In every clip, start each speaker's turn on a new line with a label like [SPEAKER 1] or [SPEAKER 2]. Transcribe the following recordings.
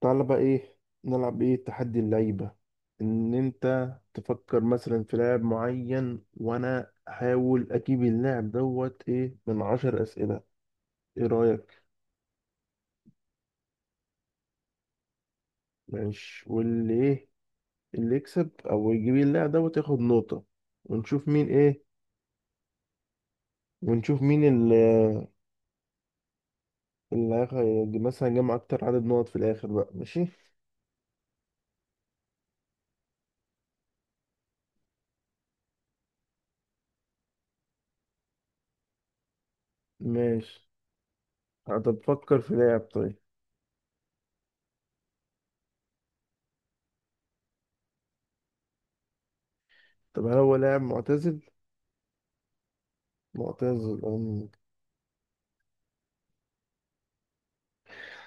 [SPEAKER 1] تعالى بقى ايه نلعب؟ ايه، تحدي اللعيبة. ان انت تفكر مثلا في لاعب معين، وانا احاول اجيب اللاعب دوت ايه من 10 اسئلة. ايه رأيك؟ ماشي، واللي ايه؟ اللي يكسب او يجيب اللاعب دوت ياخد نقطة. ونشوف مين ايه، ونشوف مين اللي مثلا جمع اكتر عدد نقط في الاخر بقى. ماشي. ماشي، هتفكر في لاعب طيب. طب هل هو لاعب معتزل؟ معتزل.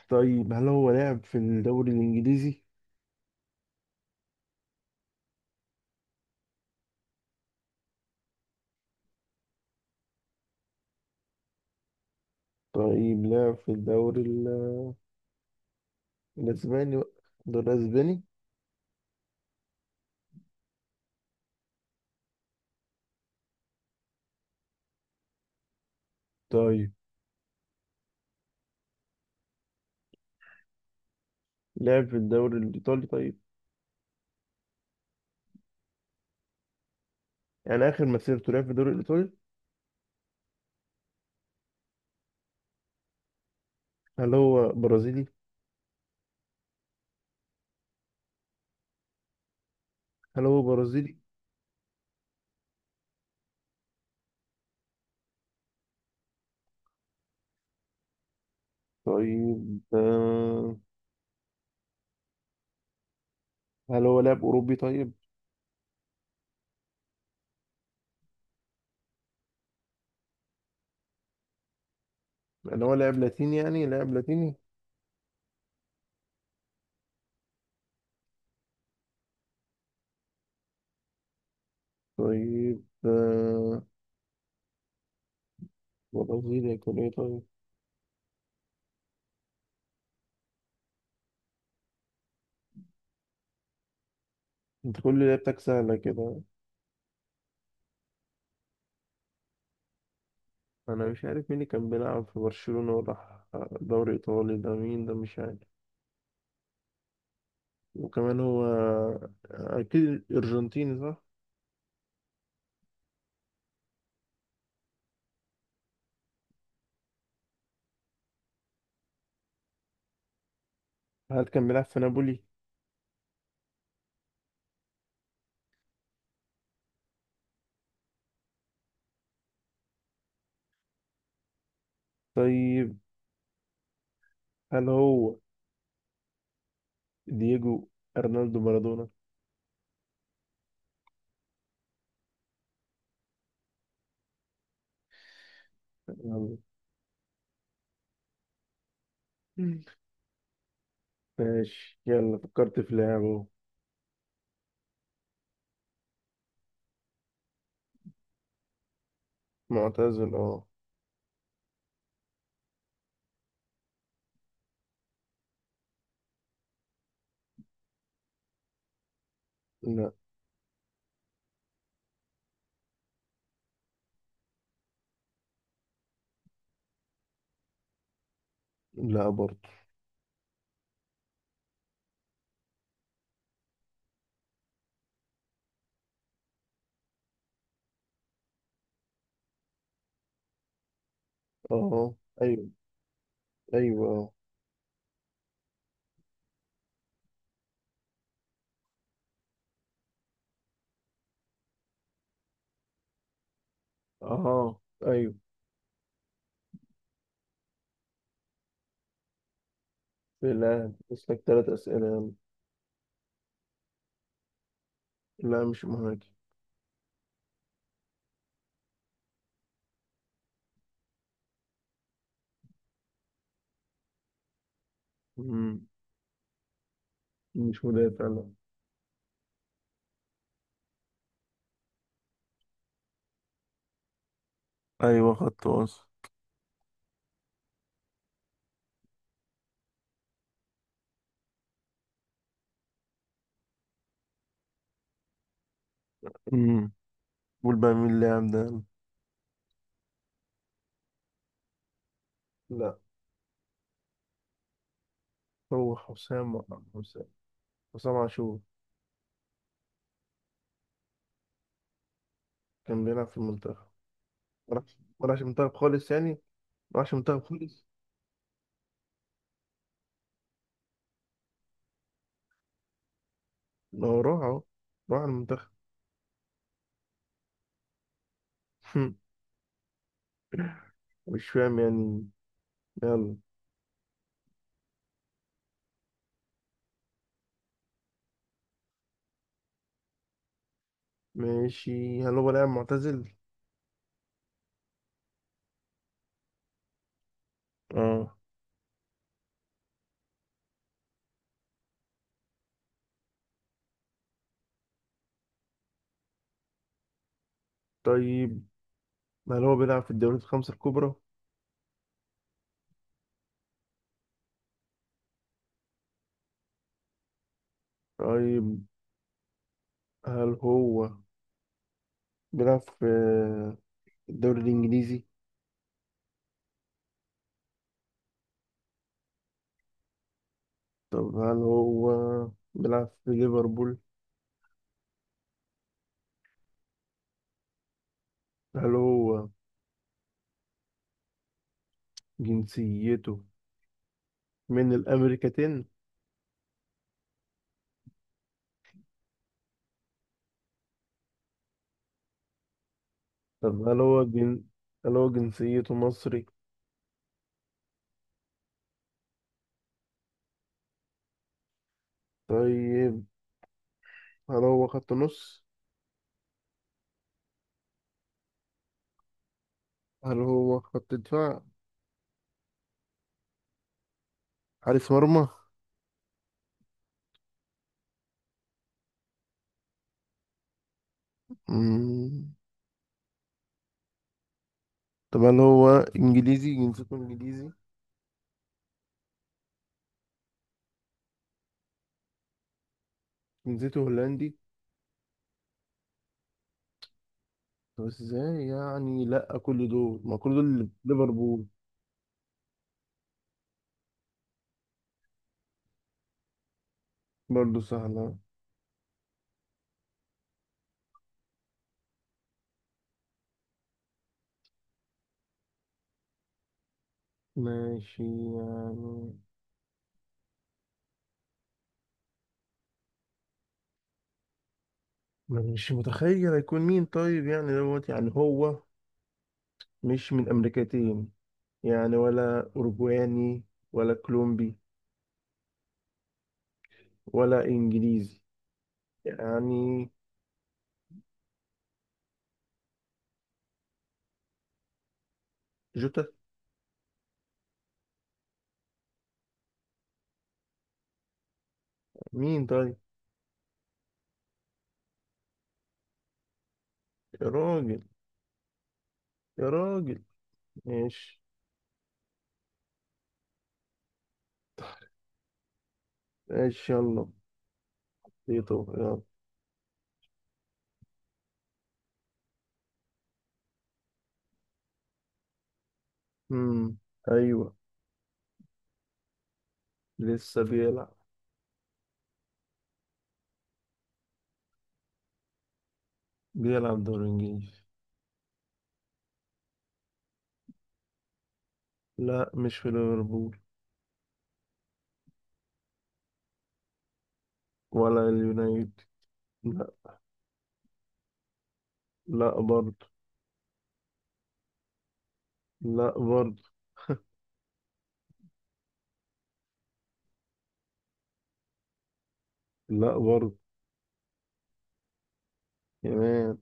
[SPEAKER 1] طيب هل هو لعب في الدوري الإنجليزي؟ طيب لعب في الدوري الأسباني بقى. الدوري الأسباني؟ طيب لعب في الدوري الإيطالي طيب؟ يعني آخر مسيرته لعب في الدوري الإيطالي؟ هل هو برازيلي؟ هل هو برازيلي؟ طيب، هل هو لاعب أوروبي طيب؟ يعني هو لاعب لاتيني، يعني لاعب لاتيني؟ طيب، برازيلي يكون إيه طيب؟ أنت كل لعبتك سهلة كده. أنا مش عارف مين اللي كان بيلعب في برشلونة وراح دوري إيطالي ده. مين ده؟ مش عارف. وكمان هو أكيد أرجنتيني صح؟ هل كان بيلعب في نابولي؟ طيب، هل هو دييجو أرنالدو مارادونا؟ يلا. مم. ماشي، يلا فكرت في لعبه. معتزل اه. لا. لا برضه. اه، أيوه، أيوه اه. اه أيوه. في الأهلي، بس لك 3 أسئلة يلا. لا مش مهاجم. مم. مش مدافع، لا. أيوه خط وسط. مم. قول بقى مين اللاعب ده. لا. هو حسام. حسام، حسام عاشور. كان بيلعب في المنتخب. ما راحش، ما راحش المنتخب خالص يعني. ما راحش المنتخب خالص. ما هو راح اهو، راح المنتخب. مش فاهم يعني. يلا. ماشي، هل هو لاعب معتزل؟ اه. طيب، هل هو بيلعب في الدوريات الخمسة الكبرى؟ طيب، هل هو بيلعب في الدوري الإنجليزي؟ طب هل هو بيلعب في ليفربول؟ هل هو جنسيته من الأمريكتين؟ طب هل هو هل هو جنسيته مصري؟ طيب، هل هو خط نص؟ هل هو خط دفاع؟ حارس مرمى؟ مم. طب هل هو انجليزي؟ جنسيته انجليزي؟ جنسيته هولندي؟ طب ازاي يعني؟ لا كل دول، ما كل دول ليفربول. برضه سهلة. ماشي. يعني مش متخيل هيكون مين طيب. يعني دوت يعني هو مش من امريكتين، يعني ولا اوروجواني ولا كولومبي ولا انجليزي، يعني. جوتا. مين طيب؟ يا راجل. يا راجل. ماشي. ماشي يلا. بيتو يلا. امم ايوه. لسه بيلعب. بيلعب دوري انجليزي. لا مش في ليفربول. ولا اليونايتد. لا. لا برضه. لا برضه. لا برضه. كمان.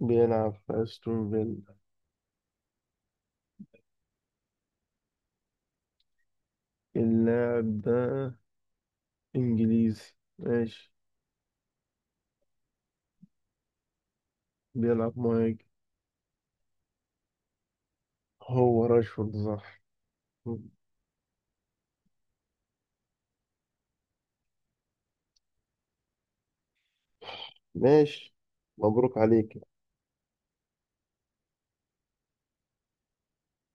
[SPEAKER 1] بيلعب في استون فيلا. اللاعب ده انجليزي ماشي. بيلعب مهاجم. هو راشفورد صح. ماشي، مبروك عليك.